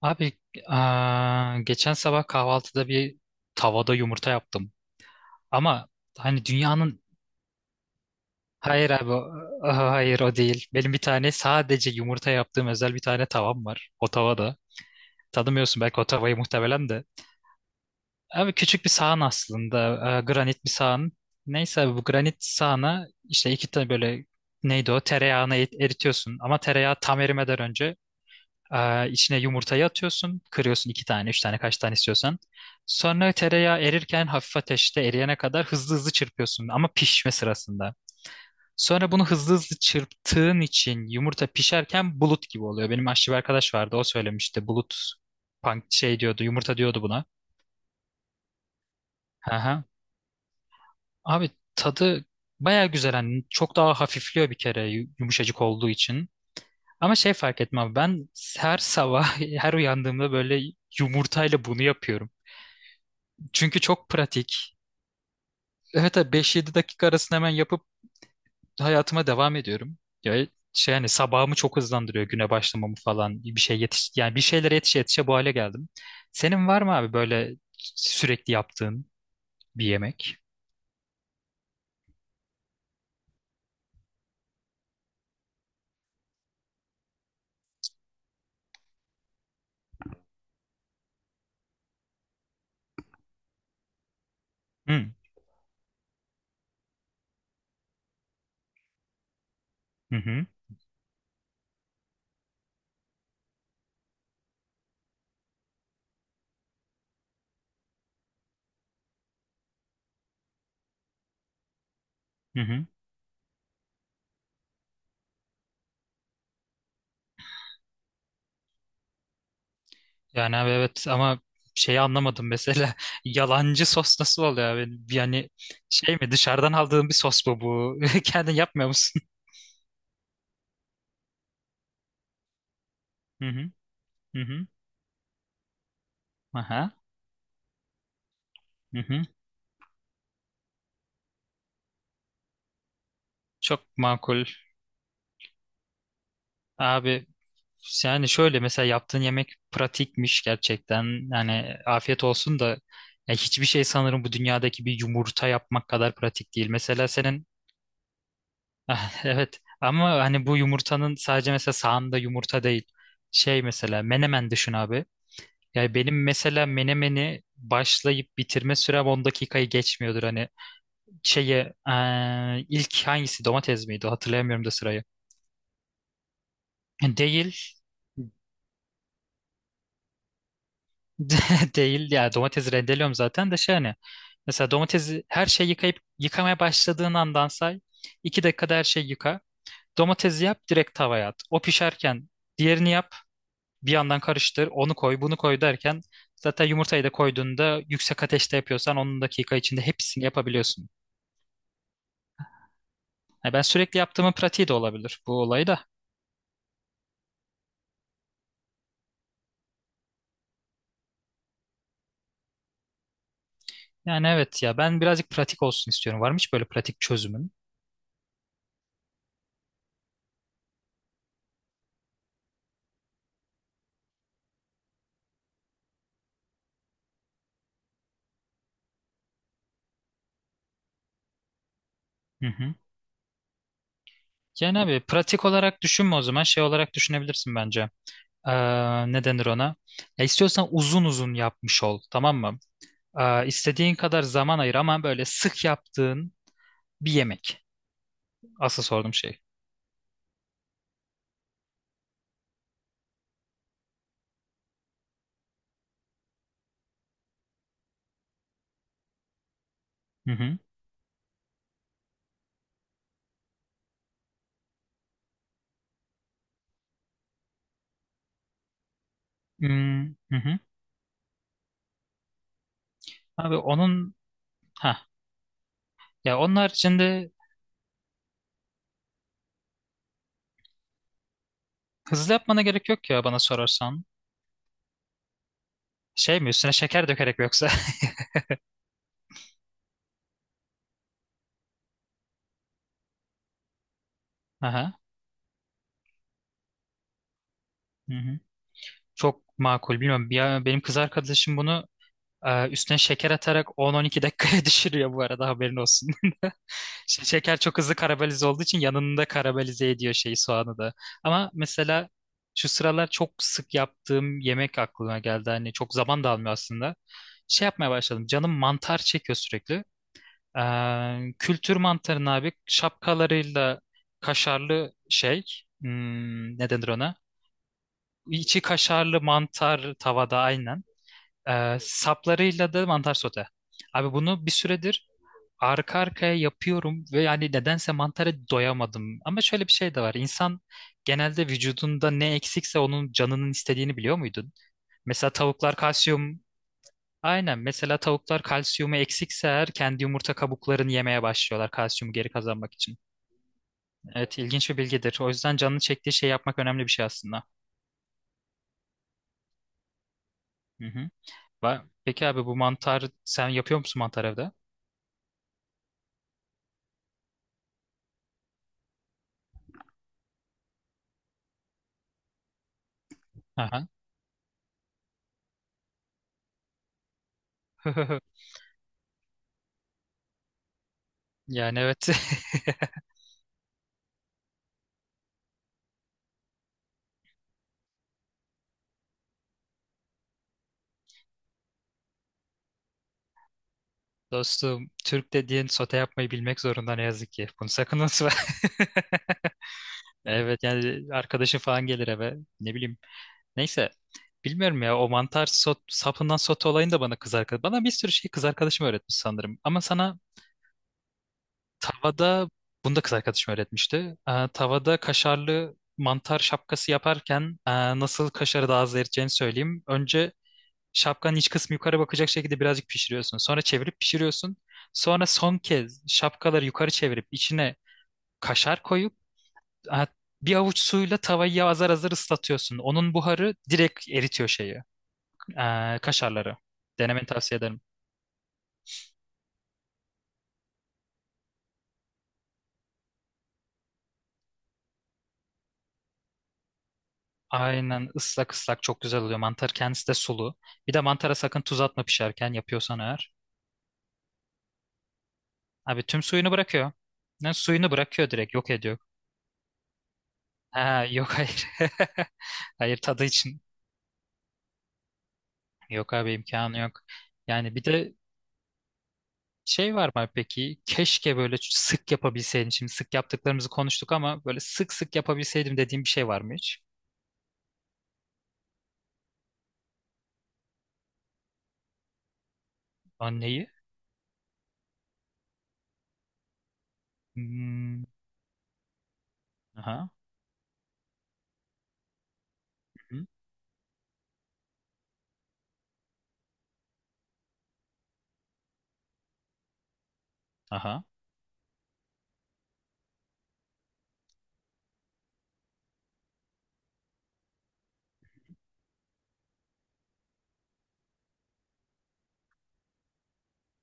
Abi, geçen sabah kahvaltıda bir tavada yumurta yaptım. Ama hani dünyanın hayır abi o- aha, hayır o değil. Benim bir tane sadece yumurta yaptığım özel bir tane tavam var. O tavada. Tanımıyorsun belki o tavayı, muhtemelen de. Abi küçük bir sahan aslında. Granit bir sahan. Neyse abi, bu granit sahana işte iki tane böyle, neydi o, tereyağını eritiyorsun. Ama tereyağı tam erimeden önce içine yumurtayı atıyorsun. Kırıyorsun iki tane, üç tane, kaç tane istiyorsan. Sonra tereyağı erirken, hafif ateşte eriyene kadar, hızlı hızlı çırpıyorsun, ama pişme sırasında. Sonra bunu hızlı hızlı çırptığın için yumurta pişerken bulut gibi oluyor. Benim aşçı bir arkadaş vardı, o söylemişti. Bulut pank şey diyordu, yumurta diyordu buna. Aha. Abi tadı baya güzel. Hani çok daha hafifliyor bir kere, yumuşacık olduğu için. Ama şey, fark etmem ben her sabah her uyandığımda böyle yumurtayla bunu yapıyorum. Çünkü çok pratik. Evet abi, 5-7 dakika arasında hemen yapıp hayatıma devam ediyorum. Ya şey, hani sabahımı çok hızlandırıyor, güne başlamamı falan. Bir şey yetiş, yani bir şeylere yetişe yetişe bu hale geldim. Senin var mı abi böyle sürekli yaptığın bir yemek? Hı hı hı. Hı hı. Yani abi evet, ama şeyi anlamadım mesela, yalancı sos nasıl oluyor abi? Yani şey mi, dışarıdan aldığın bir sos mu bu? Kendin yapmıyor musun? Hı hı hı hı. Aha. Hı hı. Çok makul. Abi, yani şöyle, mesela yaptığın yemek pratikmiş gerçekten. Yani afiyet olsun da, ya hiçbir şey sanırım bu dünyadaki bir yumurta yapmak kadar pratik değil. Mesela senin evet, ama hani bu yumurtanın sadece, mesela sağında yumurta değil. Şey, mesela menemen düşün abi. Yani benim mesela menemeni başlayıp bitirme sürem 10 dakikayı geçmiyordur, hani şeye, ilk hangisi domates miydi hatırlayamıyorum da sırayı. Değil. Değil ya, domates rendeliyorum zaten de, şey hani, mesela domatesi, her şeyi yıkayıp, yıkamaya başladığın andan say, 2 dakikada her şeyi yıka, domatesi yap direkt tavaya at, o pişerken diğerini yap, bir yandan karıştır, onu koy bunu koy derken, zaten yumurtayı da koyduğunda, yüksek ateşte yapıyorsan, 10 dakika içinde hepsini yapabiliyorsun. Yani ben sürekli yaptığımın pratiği de olabilir bu olayda. Yani evet ya, ben birazcık pratik olsun istiyorum. Var mı hiç böyle pratik çözümün? Hı hı. Yani abi pratik olarak düşünme, o zaman şey olarak düşünebilirsin bence. Ne denir ona? Ya istiyorsan uzun uzun yapmış ol, tamam mı? İstediğin kadar zaman ayır ama böyle sık yaptığın bir yemek. Asıl sorduğum şey. Hı hı. Hmm, hı hı. Abi onun, ha, ya onun haricinde hızlı yapmana gerek yok ya, bana sorarsan. Şey mi, üstüne şeker dökerek mi yoksa? Aha. Hı hı. Çok makul. Bilmiyorum. Benim kız arkadaşım bunu üstüne şeker atarak 10-12 dakikaya düşürüyor bu arada, haberin olsun. Şeker çok hızlı karamelize olduğu için, yanında karamelize ediyor şeyi, soğanı da. Ama mesela şu sıralar çok sık yaptığım yemek aklıma geldi. Hani çok zaman da almıyor aslında. Şey yapmaya başladım. Canım mantar çekiyor sürekli. Kültür mantarını abi, şapkalarıyla kaşarlı şey. Ne denir ona? İçi kaşarlı mantar tavada, aynen. Saplarıyla da mantar sote. Abi bunu bir süredir arka arkaya yapıyorum ve yani nedense mantara doyamadım. Ama şöyle bir şey de var. İnsan genelde vücudunda ne eksikse onun canının istediğini biliyor muydun? Mesela tavuklar kalsiyum. Aynen. Mesela tavuklar kalsiyumu eksikse eğer, kendi yumurta kabuklarını yemeye başlıyorlar, kalsiyumu geri kazanmak için. Evet, ilginç bir bilgidir. O yüzden canını çektiği şey yapmak önemli bir şey aslında. Hı hı. Peki abi bu mantar, sen yapıyor musun mantar evde? Aha. Yani evet. Dostum, Türk dediğin sote yapmayı bilmek zorunda ne yazık ki. Bunu sakın unutma. Evet, yani arkadaşın falan gelir eve. Ne bileyim. Neyse. Bilmiyorum ya, o mantar sapından sote olayını da bana kız arkadaş. Bana bir sürü şey kız arkadaşım öğretmiş sanırım. Ama sana tavada bunu da kız arkadaşım öğretmişti. Tavada kaşarlı mantar şapkası yaparken, nasıl kaşarı daha az eriteceğini söyleyeyim. Önce şapkanın iç kısmı yukarı bakacak şekilde birazcık pişiriyorsun. Sonra çevirip pişiriyorsun. Sonra son kez şapkaları yukarı çevirip içine kaşar koyup, ha, bir avuç suyla tavayı azar azar ıslatıyorsun. Onun buharı direkt eritiyor şeyi, kaşarları. Denemeni tavsiye ederim. Aynen, ıslak ıslak çok güzel oluyor. Mantar kendisi de sulu. Bir de mantara sakın tuz atma, pişerken yapıyorsan eğer. Abi tüm suyunu bırakıyor. Yani suyunu bırakıyor, direkt yok ediyor. Ha, yok hayır. Hayır, tadı için. Yok abi, imkanı yok. Yani bir de şey var mı peki? Keşke böyle sık yapabilseydim. Şimdi sık yaptıklarımızı konuştuk, ama böyle sık sık yapabilseydim dediğim bir şey var mı hiç? Anneyi? Hmm, aha. Hı. Aha.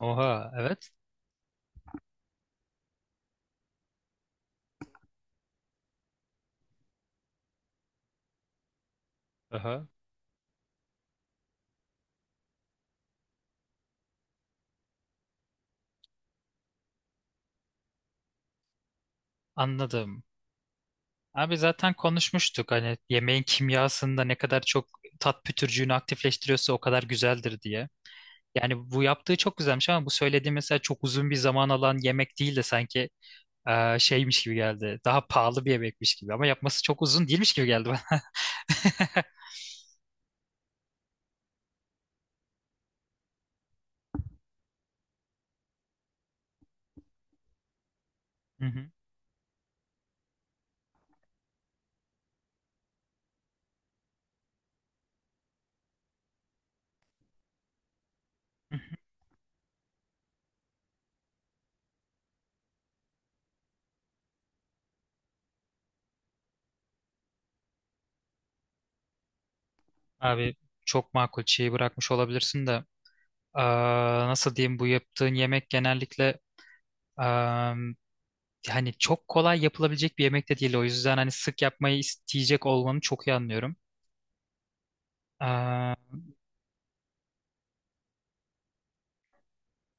Oha. Evet. Aha. Anladım. Abi zaten konuşmuştuk, hani yemeğin kimyasında ne kadar çok tat pütürcüğünü aktifleştiriyorsa o kadar güzeldir diye. Yani bu yaptığı çok güzelmiş, ama bu söylediğim mesela çok uzun bir zaman alan yemek değil de sanki şeymiş gibi geldi. Daha pahalı bir yemekmiş gibi, ama yapması çok uzun değilmiş gibi geldi bana. Hı hı. Hı hı. Abi çok makul, şeyi bırakmış olabilirsin de, eee, nasıl diyeyim, bu yaptığın yemek genellikle, eee, hani çok kolay yapılabilecek bir yemek de değil, o yüzden hani sık yapmayı isteyecek olmanı çok iyi anlıyorum. Eee,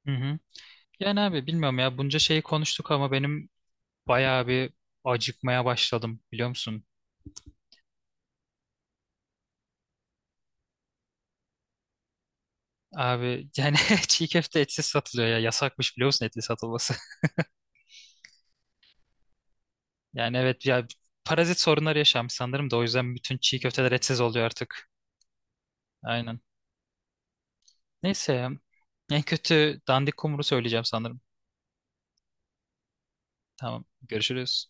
hı hı. Yani abi bilmiyorum ya, bunca şeyi konuştuk ama benim bayağı bir acıkmaya başladım, biliyor musun? Abi yani çiğ köfte etsiz satılıyor ya. Yasakmış biliyor musun etli satılması? Yani evet ya, parazit sorunları yaşanmış sanırım, da o yüzden bütün çiğ köfteler etsiz oluyor artık. Aynen. Neyse ya. En kötü dandik kumru söyleyeceğim sanırım. Tamam. Görüşürüz.